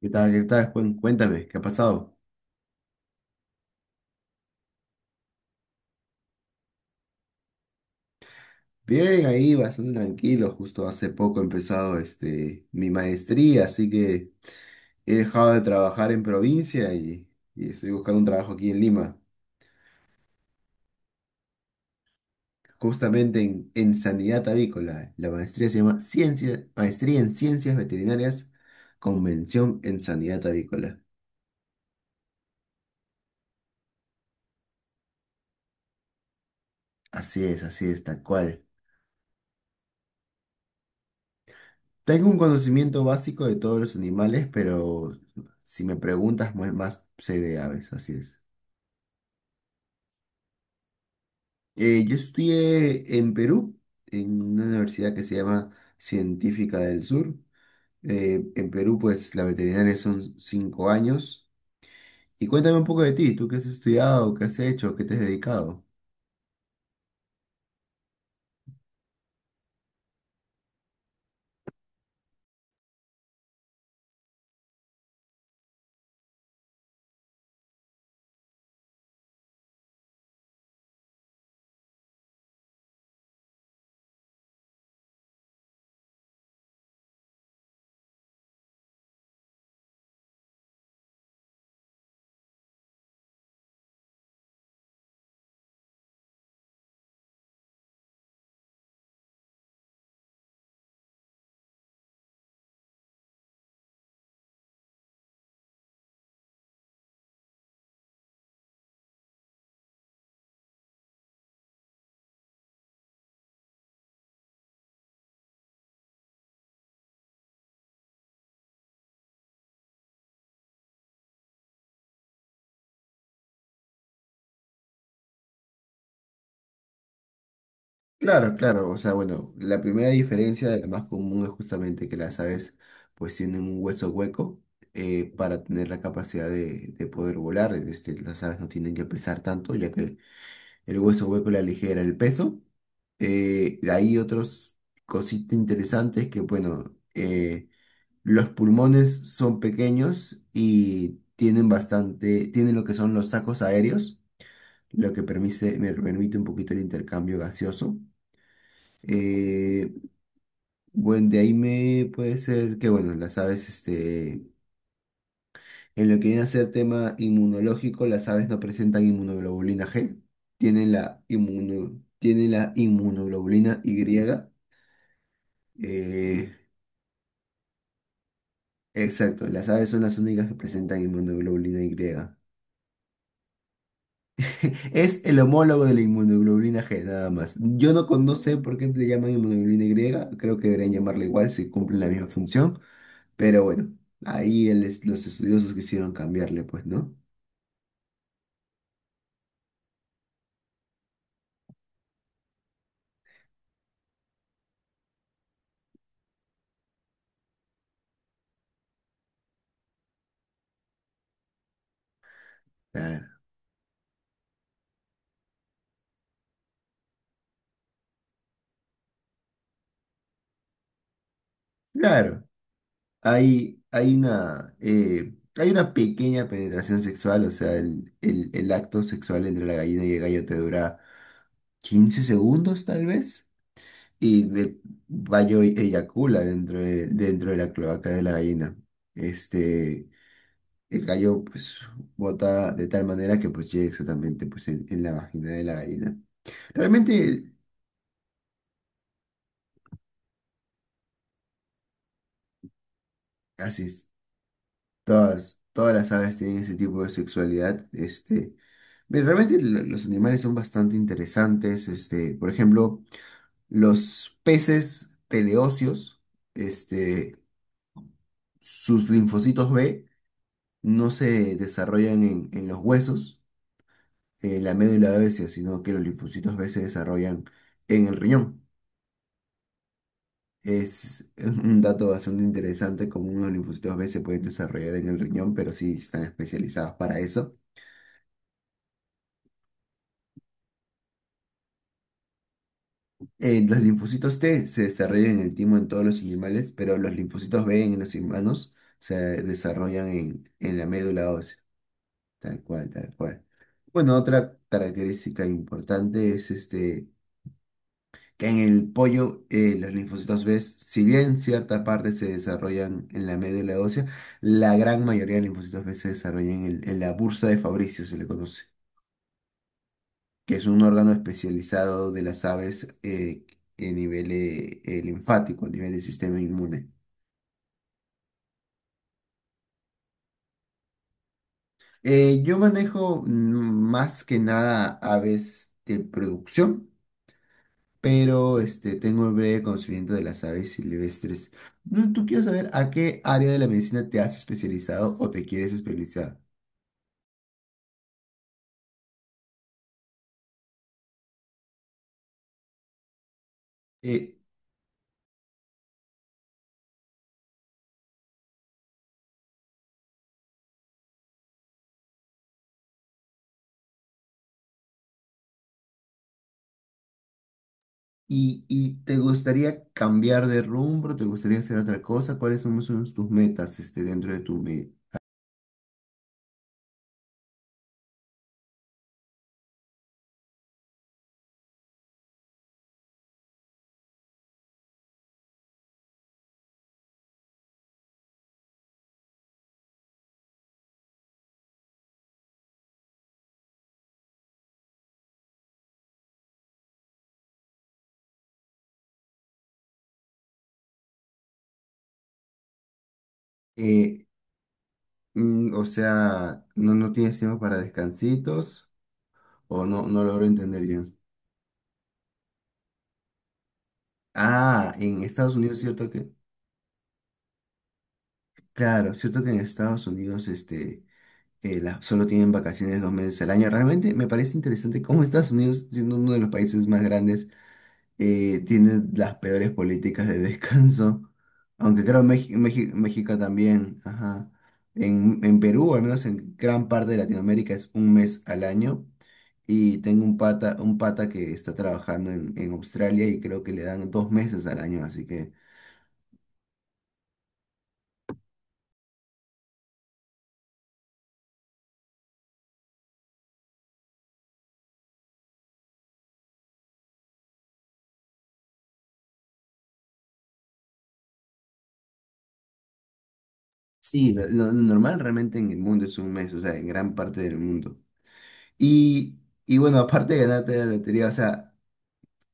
¿Qué tal? ¿Qué tal, Juan? Cuéntame, ¿qué ha pasado? Bien, ahí bastante tranquilo. Justo hace poco he empezado mi maestría, así que he dejado de trabajar en provincia y estoy buscando un trabajo aquí en Lima, justamente en sanidad avícola. La maestría se llama Maestría en Ciencias Veterinarias con mención en sanidad avícola. Así es, tal cual. Tengo un conocimiento básico de todos los animales, pero si me preguntas, más sé de aves, así es. Yo estudié en Perú, en una universidad que se llama Científica del Sur. En Perú, pues la veterinaria son 5 años. Y cuéntame un poco de ti, ¿tú qué has estudiado, qué has hecho, qué te has dedicado? Claro, claro, o sea, bueno, la primera diferencia, la más común, es justamente que las aves pues tienen un hueso hueco para tener la capacidad de poder volar. Las aves no tienen que pesar tanto, ya que el hueso hueco, la ligera, el peso. Hay otros cositas interesantes que, bueno, los pulmones son pequeños y tienen lo que son los sacos aéreos, lo que permite, me permite un poquito el intercambio gaseoso. Eh, bueno, de ahí me puede ser que, bueno, las aves, en lo que viene a ser tema inmunológico, las aves no presentan inmunoglobulina G, tienen la inmunoglobulina Y. eh, exacto, las aves son las únicas que presentan inmunoglobulina Y. Es el homólogo de la inmunoglobulina G, nada más. Yo no, no sé por qué le llaman inmunoglobulina Y, creo que deberían llamarla igual si cumplen la misma función, pero bueno, ahí los estudiosos quisieron cambiarle, pues, ¿no? Claro. Claro. Hay una pequeña penetración sexual, o sea, el acto sexual entre la gallina y el gallo te dura 15 segundos tal vez, y el gallo eyacula dentro de la cloaca de la gallina. Este, el gallo pues bota de tal manera que pues llega exactamente pues en la vagina de la gallina. Realmente así es. Todas las aves tienen ese tipo de sexualidad. Ve, realmente los animales son bastante interesantes. Por ejemplo, los peces teleóseos, este, sus linfocitos B no se desarrollan en los huesos, en la médula ósea, sino que los linfocitos B se desarrollan en el riñón. Es un dato bastante interesante, como unos linfocitos B se pueden desarrollar en el riñón, pero sí están especializados para eso. Los linfocitos T se desarrollan en el timo en todos los animales, pero los linfocitos B en los humanos se desarrollan en la médula ósea, tal cual, tal cual. Bueno, otra característica importante es que en el pollo los linfocitos B, si bien cierta parte se desarrollan en la médula ósea, la gran mayoría de linfocitos B se desarrollan en la bursa de Fabricio, se le conoce. Que es un órgano especializado de las aves a nivel linfático, a nivel del sistema inmune. Yo manejo más que nada aves de producción, pero tengo un breve conocimiento de las aves silvestres. ¿Tú quiero saber a qué área de la medicina te has especializado o te quieres especializar? Eh, y te gustaría cambiar de rumbo? ¿Te gustaría hacer otra cosa? ¿Cuáles son tus metas dentro de tu? eh, o sea, ¿no, no tienes tiempo para descansitos o no, no logro entender bien? Ah, en Estados Unidos, cierto que, claro, cierto que en Estados Unidos, solo tienen vacaciones 2 meses al año. Realmente me parece interesante cómo Estados Unidos, siendo uno de los países más grandes, tiene las peores políticas de descanso. Aunque creo México, México, también, ajá. En Perú, o al menos en gran parte de Latinoamérica, es un mes al año. Y tengo un pata que está trabajando en Australia y creo que le dan 2 meses al año. Así que sí, lo normal realmente en el mundo es un mes, o sea, en gran parte del mundo. Y, y bueno, aparte de ganarte la lotería, o sea,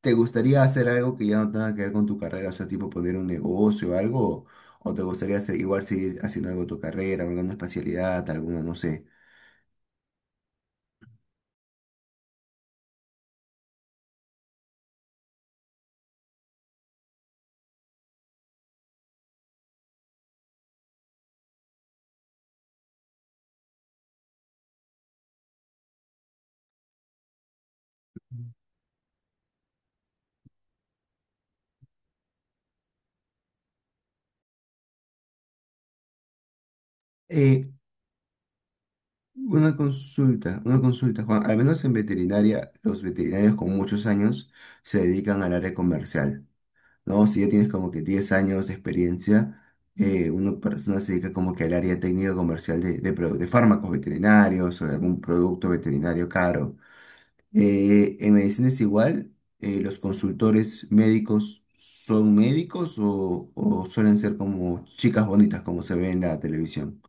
¿te gustaría hacer algo que ya no tenga que ver con tu carrera? O sea, tipo poner un negocio o algo. ¿O te gustaría igual seguir haciendo algo de tu carrera, alguna especialidad, alguna, no sé? Eh, una consulta, una consulta, Juan. Al menos en veterinaria, los veterinarios con muchos años se dedican al área comercial, ¿no? Si ya tienes como que 10 años de experiencia, una persona se dedica como que al área técnica comercial de fármacos veterinarios o de algún producto veterinario caro. En medicina es igual, los consultores médicos son médicos o suelen ser como chicas bonitas como se ve en la televisión.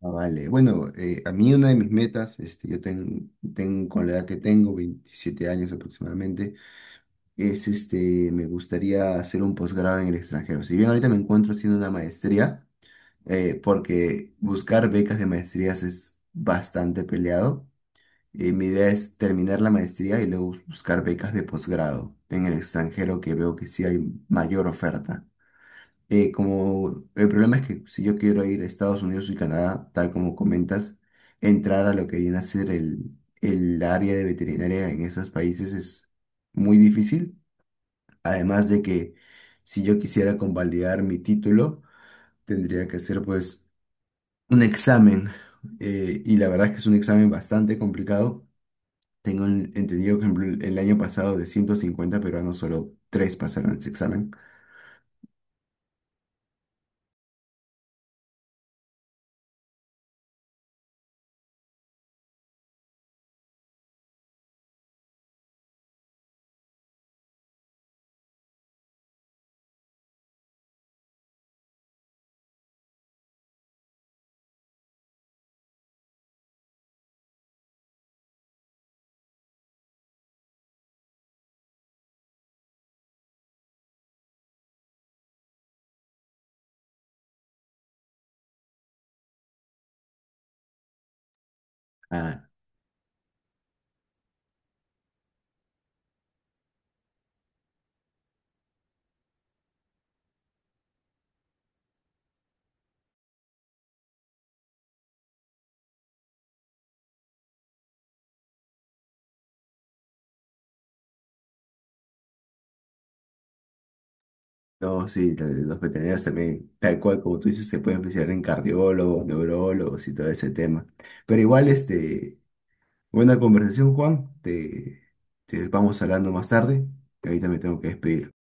Ah, vale, bueno, a mí una de mis metas, yo tengo con la edad que tengo, 27 años aproximadamente, es me gustaría hacer un posgrado en el extranjero. Si bien ahorita me encuentro haciendo una maestría, porque buscar becas de maestrías es bastante peleado. Mi idea es terminar la maestría y luego buscar becas de posgrado en el extranjero que veo que sí hay mayor oferta. Como el problema es que si yo quiero ir a Estados Unidos y Canadá, tal como comentas, entrar a lo que viene a ser el área de veterinaria en esos países es muy difícil. Además de que si yo quisiera convalidar mi título, tendría que hacer pues un examen. Y la verdad es que es un examen bastante complicado. Tengo entendido que, por ejemplo, el año pasado, de 150 peruanos solo 3 pasaron ese examen. Ah, no, sí, los veterinarios también, tal cual como tú dices, se pueden especializar en cardiólogos, neurólogos y todo ese tema. Pero igual, buena conversación, Juan. Te vamos hablando más tarde. Ahorita me tengo que despedir.